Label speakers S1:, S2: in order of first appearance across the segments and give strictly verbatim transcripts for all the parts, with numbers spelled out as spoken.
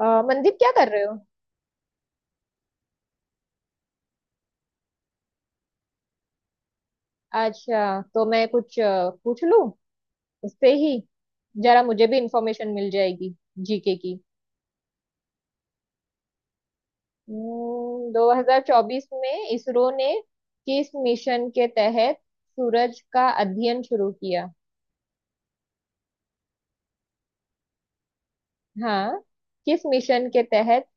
S1: अ, मंदीप क्या कर रहे हो? अच्छा, तो मैं कुछ अ, पूछ लूं उससे ही। जरा मुझे भी इंफॉर्मेशन मिल जाएगी जी के की। हम्म, दो हज़ार चौबीस में इसरो ने किस मिशन के तहत सूरज का अध्ययन शुरू किया? हाँ। किस मिशन के तहत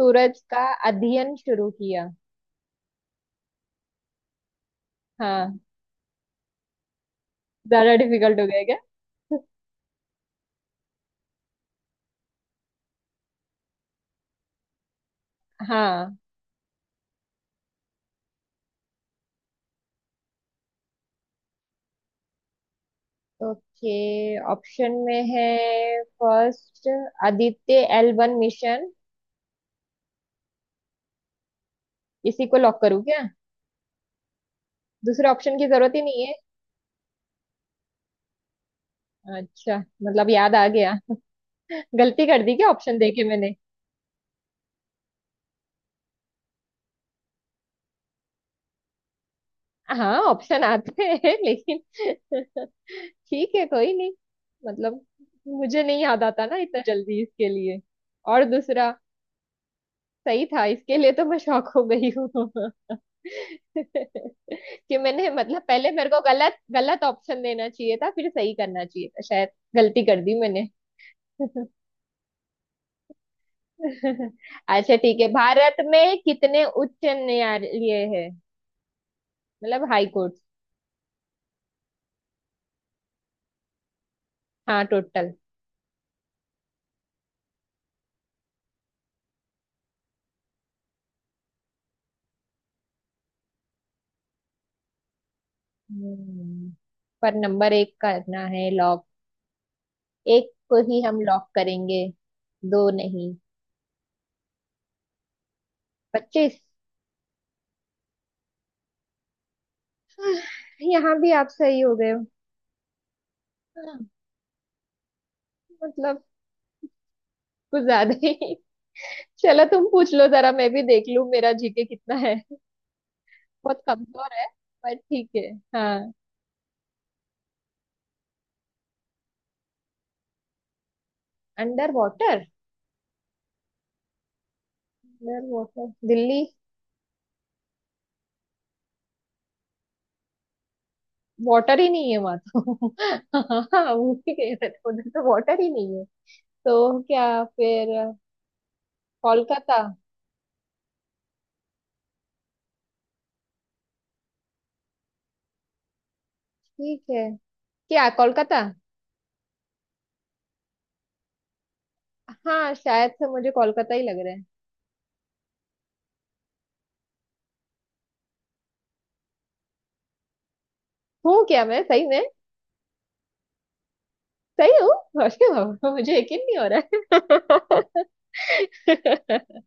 S1: सूरज का अध्ययन शुरू किया? हाँ। ज्यादा डिफिकल्ट हो गया क्या? हाँ। ओके। ऑप्शन में है, first Aditya L one mission. इसी को लॉक करूँ क्या? दूसरे ऑप्शन की जरूरत ही नहीं है। अच्छा, मतलब याद आ गया। गलती कर दी क्या ऑप्शन देके मैंने? हाँ, ऑप्शन आते हैं लेकिन ठीक है कोई नहीं। मतलब, मुझे नहीं याद आता ना इतना जल्दी इसके लिए। और दूसरा सही था, इसके लिए तो मैं शॉक हो गई हूँ। कि मैंने मतलब पहले मेरे को गलत गलत ऑप्शन देना चाहिए था, फिर सही करना चाहिए था शायद। गलती कर दी मैंने। अच्छा ठीक है, भारत में कितने उच्च न्यायालय है? मतलब हाई कोर्ट। हाँ, टोटल। हम्म पर नंबर एक करना है लॉक। एक को ही हम लॉक करेंगे, दो नहीं। पच्चीस। यहाँ भी आप सही हो गए हो। हाँ, मतलब कुछ ज्यादा ही। चलो तुम पूछ लो, जरा मैं भी देख लूं मेरा जी के कितना है। बहुत कमजोर है। पर ठीक है, हाँ। Under water? Under water Delhi. Water ही नहीं है वहां तो। हाँ, वो भी कह रहे थे उधर तो वाटर ही नहीं है। तो क्या फिर? कोलकाता। ठीक है। क्या कोलकाता? हाँ, शायद से मुझे कोलकाता ही लग रहा है। हूँ क्या, मैं सही में? सही हूँ? अरे बाबा, मुझे यकीन नहीं हो रहा है।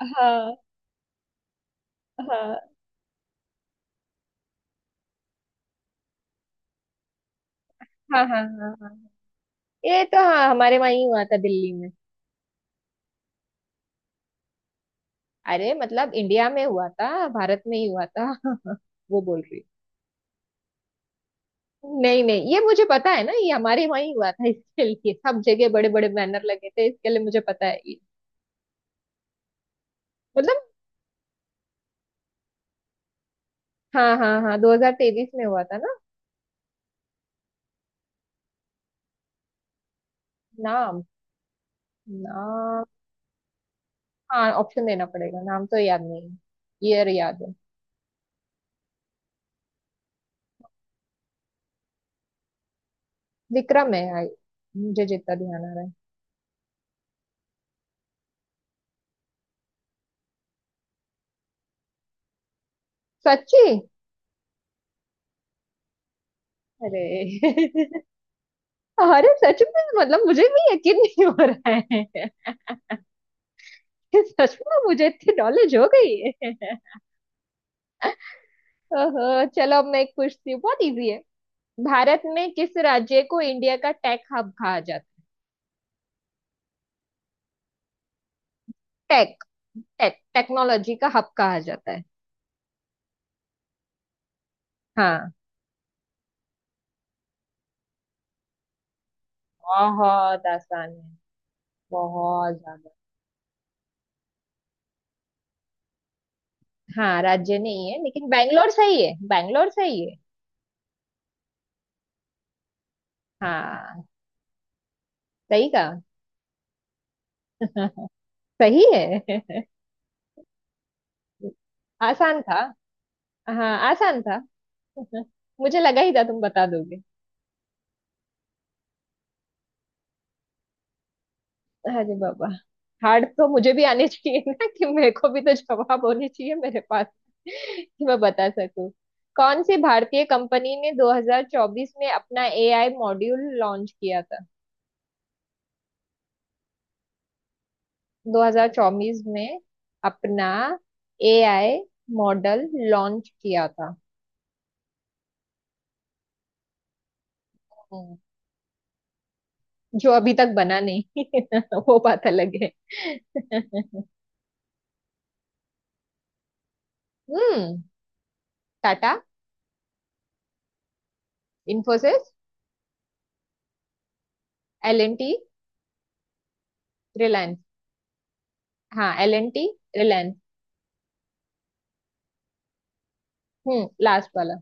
S1: हाँ, हाँ, हाँ, हाँ। हाँ, हाँ। ये तो हाँ, हमारे वहाँ ही हुआ था दिल्ली में। अरे मतलब इंडिया में हुआ था, भारत में ही हुआ था। वो बोल रही हूँ। नहीं नहीं, ये मुझे पता है ना, ये हमारे वहां ही हुआ था, इसके लिए सब जगह बड़े बड़े बैनर लगे थे, इसके लिए मुझे पता है ये। मतलब हाँ हाँ हाँ, दो हज़ार तेईस में हुआ था ना? नाम? नाम। हाँ, ऑप्शन देना पड़ेगा, नाम तो याद नहीं। ईयर याद है। विक्रम है आई। मुझे जितना ध्यान आ रहा है। सच्ची? अरे। अरे सच में, मतलब मुझे भी यकीन नहीं हो रहा है। सच में मुझे इतनी नॉलेज हो गई है। ओहो। चलो, अब मैं एक पूछती हूँ, बहुत इजी है। भारत में किस राज्य को इंडिया का टेक हब कहा जाता है? टेक टेक टेक्नोलॉजी का हब कहा जाता है। हाँ, बहुत आसान है, बहुत ज्यादा। हाँ, राज्य नहीं है लेकिन बैंगलोर सही है, बैंगलोर सही है। हाँ, सही कहा। सही है। आसान था। हाँ आसान था। मुझे लगा ही था तुम बता दोगे। अरे बाबा, हार्ड तो मुझे भी आनी चाहिए ना, कि मेरे को भी तो जवाब होने चाहिए मेरे पास कि मैं बता सकूं। कौन सी भारतीय कंपनी ने दो हज़ार चौबीस में अपना ए आई मॉड्यूल लॉन्च किया था? दो हज़ार चौबीस में अपना एआई मॉडल लॉन्च किया था। हम्म, जो अभी तक बना नहीं। वो बात अलग है। हम्म। Tata. Infosys. L N T. Reliance. हाँ, एल एन टी, रिलायंस। हम्म लास्ट वाला।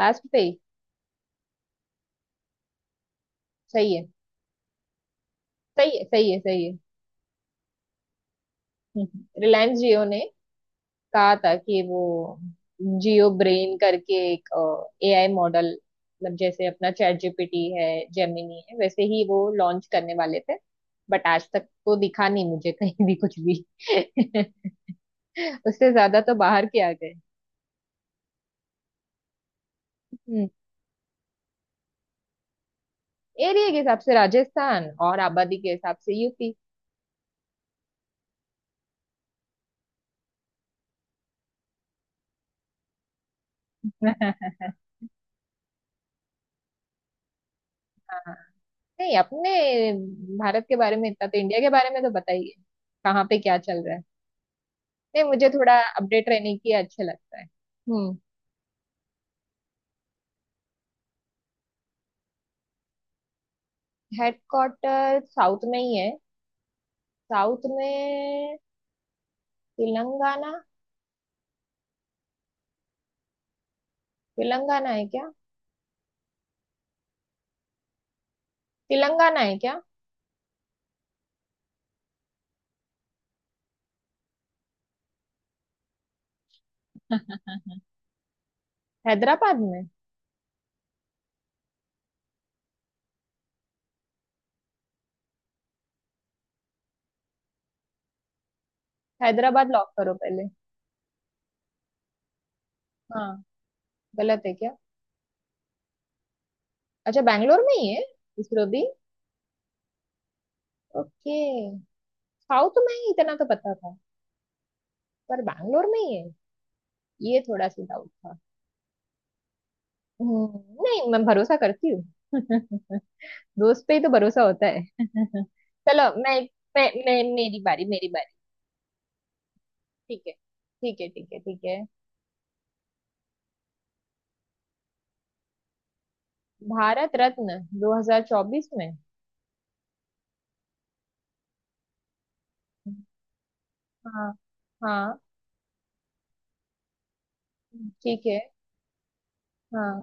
S1: लास्ट पे ही। सही है, सही है, सही है, सही है। रिलायंस जियो ने कहा था कि वो जियो ब्रेन करके एक ए आई मॉडल, मतलब जैसे अपना चैट जी पी टी है, जेमिनी है, वैसे ही वो लॉन्च करने वाले थे। बट आज तक तो दिखा नहीं मुझे कहीं भी कुछ भी। उससे ज्यादा तो बाहर के आ गए। एरिया के हिसाब से राजस्थान, और आबादी के हिसाब से यू पी। हाँ। नहीं, अपने भारत के बारे में इतना तो, इंडिया के बारे में तो बताइए कहाँ पे क्या चल रहा है। नहीं, मुझे थोड़ा अपडेट रहने की अच्छा लगता है। हम्म। हेडक्वार्टर साउथ में ही है, साउथ में। तेलंगाना। तेलंगाना है क्या? तेलंगाना है क्या? हैदराबाद में। हैदराबाद लॉक करो पहले। हाँ। गलत है क्या? अच्छा, बैंगलोर में ही है इसरो भी। ओके। साउथ में ही, इतना तो पता था। पर बैंगलोर में ही है, ये थोड़ा सा डाउट था। हम्म, नहीं, मैं भरोसा करती हूँ। दोस्त पे ही तो भरोसा होता है। चलो मैं मैं, मैं मेरी बारी, मेरी बारी। ठीक है, ठीक है, ठीक है, ठीक है। भारत रत्न दो हज़ार चौबीस में? हाँ। हाँ। ठीक है। हाँ,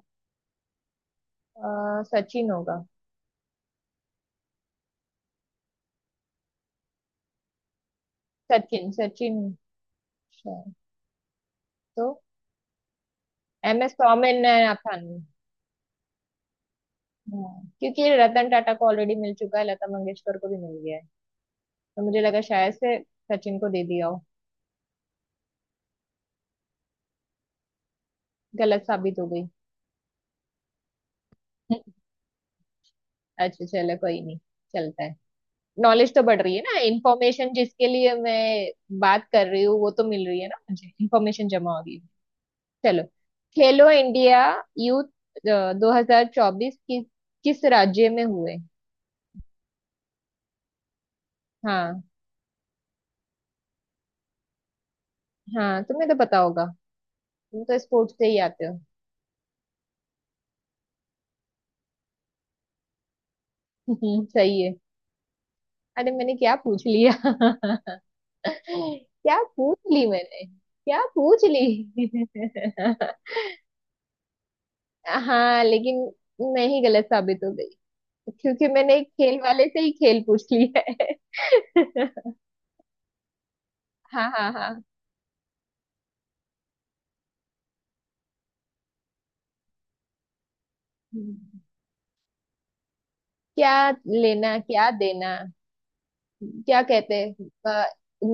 S1: अ, सचिन होगा। सचिन, सचिन शायद। तो एम एस स्वामीनाथन। हाँ, क्योंकि रतन टाटा को ऑलरेडी मिल चुका है, लता मंगेशकर को भी मिल गया है, तो मुझे लगा शायद से सचिन को दे दिया हो। गलत साबित हो गई। अच्छा चलो कोई नहीं, चलता है। नॉलेज तो बढ़ रही है ना, इंफॉर्मेशन जिसके लिए मैं बात कर रही हूँ वो तो मिल रही है ना, मुझे इंफॉर्मेशन जमा हो रही है। चलो। खेलो इंडिया यूथ दो हज़ार चौबीस किस किस राज्य में हुए? हाँ हाँ, तुम्हें तो पता होगा, तुम तो स्पोर्ट्स से ही आते हो। सही है। अरे मैंने क्या पूछ लिया। क्या पूछ ली मैंने, क्या पूछ ली। हाँ लेकिन मैं ही गलत साबित हो गई, क्योंकि मैंने एक खेल वाले से ही खेल पूछ ली है। हाँ, हाँ, हाँ। हम्म। क्या लेना क्या देना। क्या कहते हैं? अ,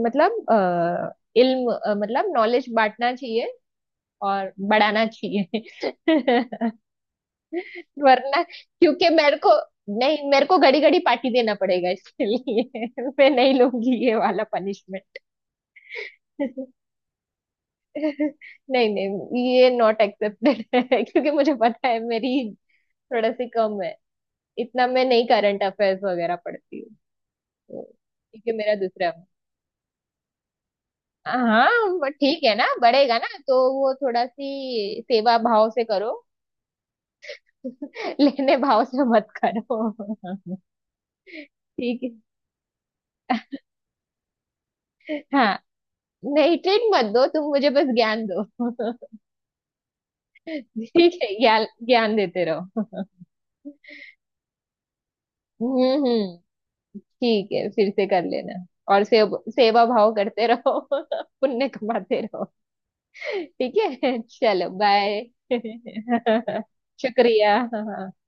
S1: मतलब अ, इल्म, अ, मतलब नॉलेज बांटना चाहिए और बढ़ाना चाहिए। वरना, क्योंकि मेरे को, नहीं मेरे को घड़ी घड़ी पार्टी देना पड़ेगा इसके लिए। मैं नहीं लूंगी ये वाला पनिशमेंट। नहीं नहीं, ये नॉट एक्सेप्टेड है, क्योंकि मुझे पता है मेरी थोड़ा सी कम है, इतना मैं नहीं करंट अफेयर्स वगैरह पढ़ती हूँ, तो क्योंकि मेरा दूसरा। हाँ वो ठीक है ना, बढ़ेगा ना तो वो थोड़ा सी सेवा भाव से करो। लेने भाव से मत करो। ठीक है। हाँ। नहीं, ट्रीट मत दो तुम मुझे, बस ज्ञान दो। ठीक है, ज्ञान ज्ञान देते रहो। हम्म, हम्म। ठीक है, फिर से कर लेना। और सेव, सेवा भाव करते रहो। पुण्य कमाते रहो। ठीक है, चलो बाय। शुक्रिया, हाँ हाँ।